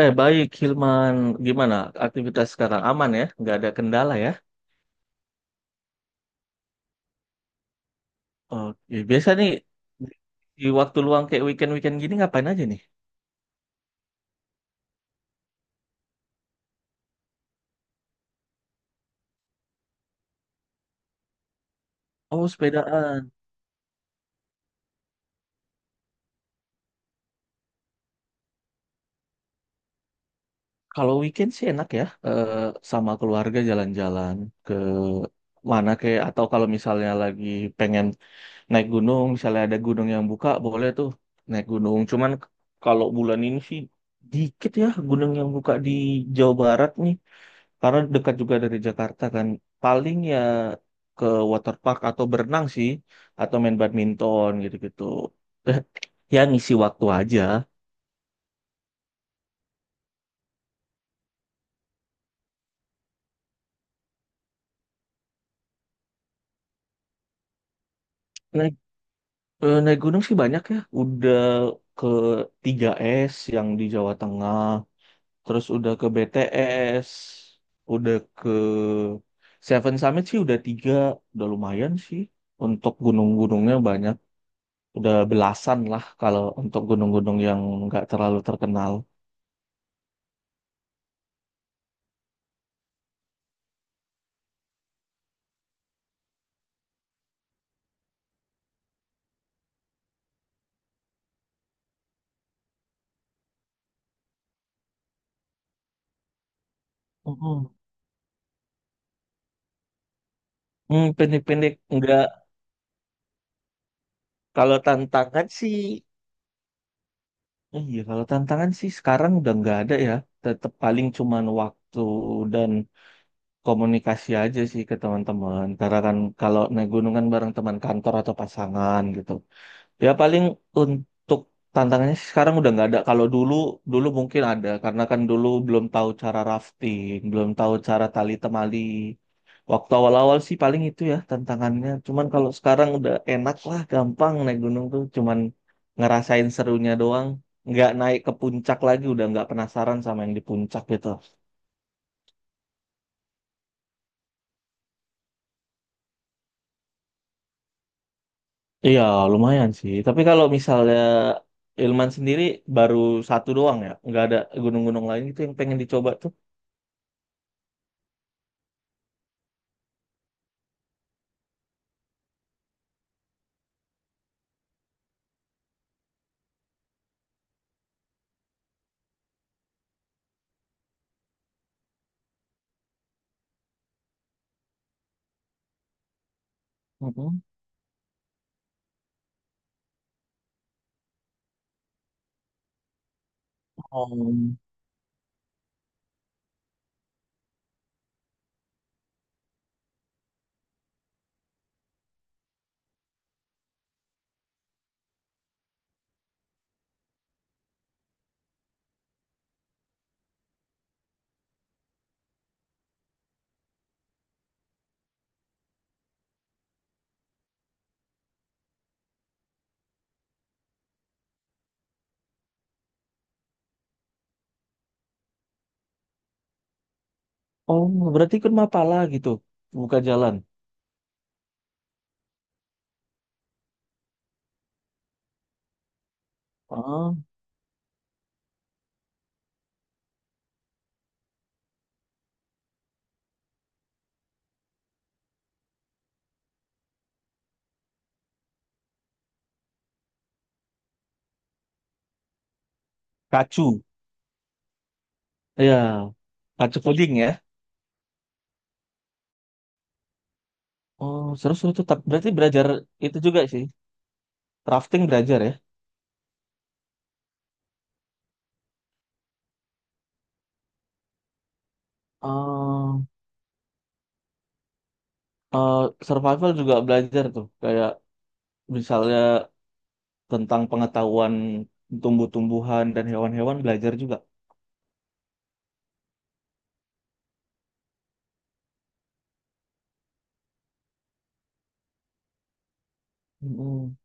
Baik, Hilman. Gimana aktivitas sekarang? Aman ya? Nggak ada kendala ya? Oke, biasa nih di waktu luang kayak weekend-weekend gini ngapain aja nih? Oh, sepedaan. Kalau weekend sih enak ya, sama keluarga jalan-jalan ke mana kayak atau kalau misalnya lagi pengen naik gunung, misalnya ada gunung yang buka, boleh tuh naik gunung. Cuman kalau bulan ini sih dikit ya gunung yang buka di Jawa Barat nih. Karena dekat juga dari Jakarta kan. Paling ya ke waterpark atau berenang sih. Atau main badminton gitu-gitu. Eh, Ya ngisi waktu aja. Naik, Naik gunung sih banyak ya. Udah ke Tiga s yang di Jawa Tengah. Terus udah ke B T S. Udah ke Seven Summit sih udah tiga. Udah lumayan sih. Untuk gunung-gunungnya banyak. Udah belasan lah kalau untuk gunung-gunung yang nggak terlalu terkenal. Mm-mm. Hmm, pendek-pendek enggak. Kalau tantangan sih, iya kalau tantangan sih sekarang udah nggak ada ya. Tetap paling cuman waktu dan komunikasi aja sih ke teman-teman. Karena kan kalau naik gunungan bareng teman kantor atau pasangan gitu. Ya paling untuk tantangannya sih sekarang udah nggak ada. Kalau dulu dulu mungkin ada karena kan dulu belum tahu cara rafting, belum tahu cara tali temali. Waktu awal-awal sih paling itu ya tantangannya. Cuman kalau sekarang udah enak lah, gampang naik gunung tuh. Cuman ngerasain serunya doang. Nggak naik ke puncak lagi, udah nggak penasaran sama yang di puncak gitu. Iya lumayan sih. Tapi kalau misalnya Ilman sendiri baru satu doang ya, nggak ada gunung-gunung lain gitu yang pengen dicoba tuh. Oh, oh, berarti ikut Mapala gitu, buka jalan. Oh, kacu. Ya, kacu kuning ya. Oh, seru seru tuh. Tapi berarti belajar itu juga sih. Rafting belajar ya. Oh, eh, survival juga belajar tuh. Kayak misalnya tentang pengetahuan tumbuh-tumbuhan dan hewan-hewan belajar juga. Mm-mm.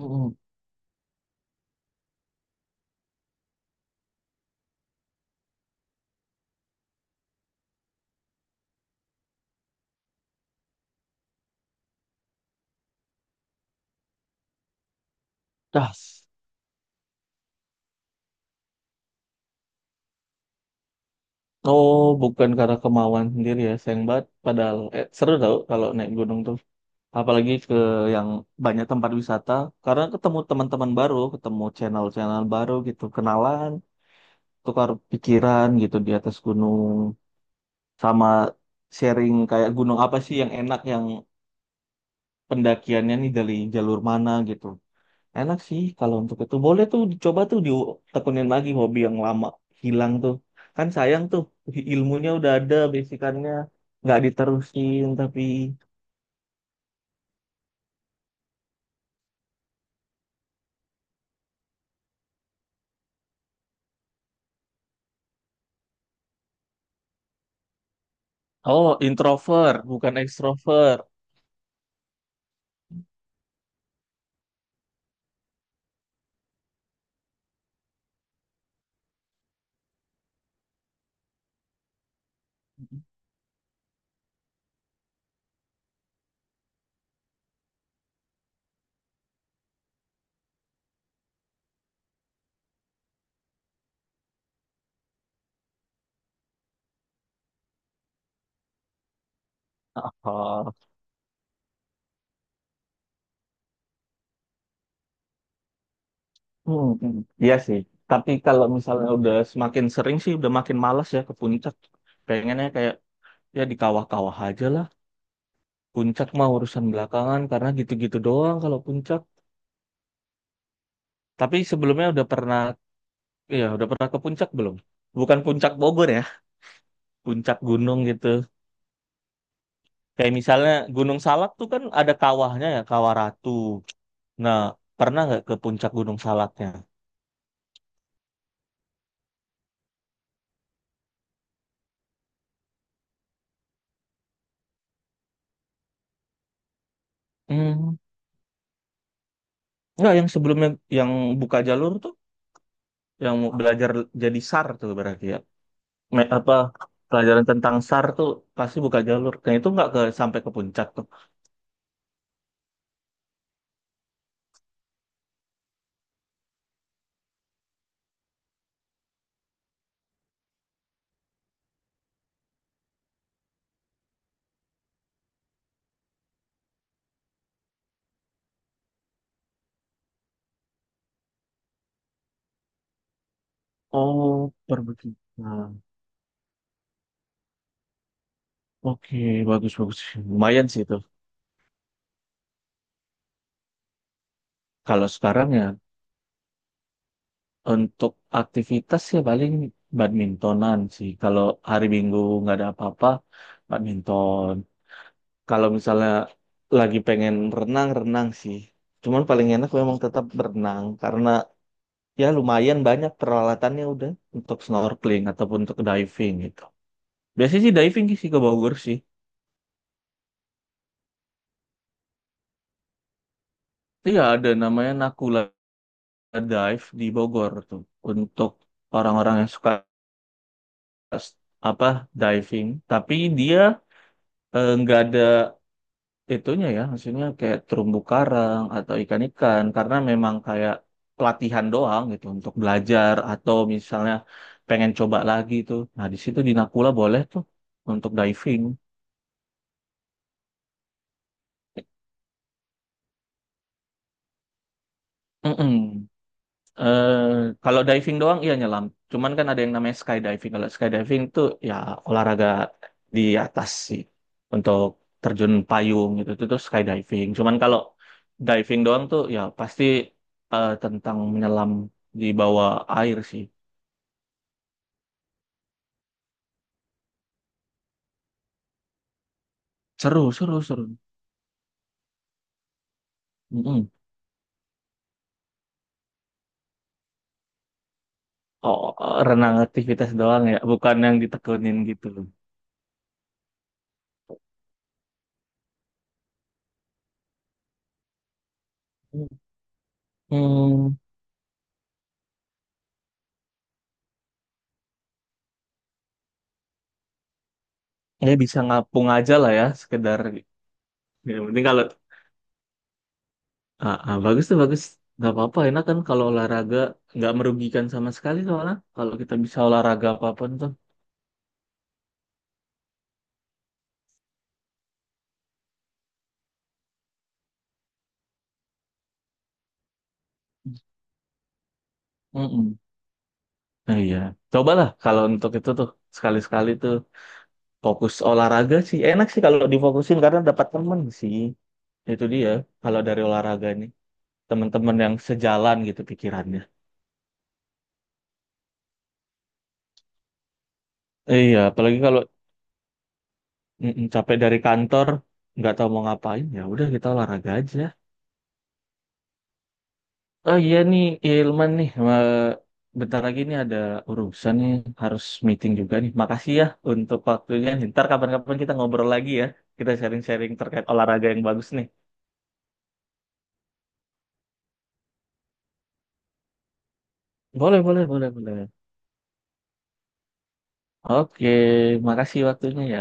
Mm-mm. Das. Oh, bukan karena kemauan sendiri ya. Sayang banget. Padahal seru tau kalau naik gunung tuh. Apalagi ke yang banyak tempat wisata karena ketemu teman-teman baru, ketemu channel-channel baru gitu, kenalan, tukar pikiran gitu di atas gunung, sama sharing kayak gunung apa sih yang enak, yang pendakiannya nih dari jalur mana gitu. Enak sih kalau untuk itu, boleh tuh dicoba tuh, ditekunin lagi hobi yang lama hilang tuh, kan sayang tuh, ilmunya udah ada basicannya nggak diterusin tapi. Oh, introvert bukan ekstrovert. Oh, hmm, hmm. Iya sih. Tapi kalau misalnya udah semakin sering sih, udah makin malas ya ke puncak. Pengennya kayak ya di kawah-kawah aja lah. Puncak mah urusan belakangan karena gitu-gitu doang kalau puncak. Tapi sebelumnya udah pernah, ya udah pernah ke puncak belum? Bukan puncak Bogor ya, puncak gunung gitu. Kayak misalnya Gunung Salak tuh kan ada kawahnya ya, Kawah Ratu. Nah, pernah nggak ke puncak Gunung Salaknya? Hmm, nggak yang sebelumnya yang buka jalur tuh yang mau belajar jadi SAR tuh berarti ya. Apa pelajaran tentang SAR tuh pasti buka jalur. Nah, itu nggak ke sampai ke puncak tuh. Oh, perbukitan. Oke, bagus bagus. Lumayan sih itu. Kalau sekarang ya untuk aktivitas ya paling badmintonan sih. Kalau hari Minggu nggak ada apa-apa, badminton. Kalau misalnya lagi pengen renang, renang sih. Cuman paling enak memang tetap berenang karena ya lumayan banyak peralatannya udah untuk snorkeling ataupun untuk diving gitu. Biasanya sih diving sih ke Bogor sih. Iya ada namanya Nakula Dive di Bogor tuh untuk orang-orang yang suka, s- apa, diving. Tapi dia nggak ada itunya ya, maksudnya kayak terumbu karang atau ikan-ikan karena memang kayak pelatihan doang gitu untuk belajar atau misalnya pengen coba lagi tuh. Nah, di situ di Nakula boleh tuh untuk diving. Mm-mm. eh Kalau diving doang iya nyelam. Cuman kan ada yang namanya skydiving. Kalau skydiving tuh ya olahraga di atas sih untuk terjun payung gitu itu tuh skydiving. Cuman kalau diving doang tuh ya pasti tentang menyelam di bawah air sih. Seru, seru, seru. Mm-mm. Oh, renang aktivitas doang ya, bukan yang ditekunin gitu. Hmm, ya bisa ngapung aja lah ya, sekedar. Ya, yang penting kalau, ah, ah, bagus tuh bagus. Gak apa-apa enak kan kalau olahraga nggak merugikan sama sekali soalnya kalau kita bisa olahraga apapun tuh. Mm-mm. Nah, iya. Cobalah kalau untuk itu tuh sekali-sekali tuh fokus olahraga sih. Enak sih kalau difokusin karena dapat temen sih. Itu dia kalau dari olahraga nih. Teman-teman yang sejalan gitu pikirannya. Iya, apalagi kalau capek dari kantor nggak tahu mau ngapain ya udah kita olahraga aja. Oh iya nih, Ilman nih. Wah, bentar lagi nih ada urusan nih, harus meeting juga nih. Makasih ya untuk waktunya. Ntar kapan-kapan kita ngobrol lagi ya. Kita sharing-sharing terkait olahraga yang bagus nih. Boleh, boleh, boleh, boleh. Oke, makasih waktunya ya.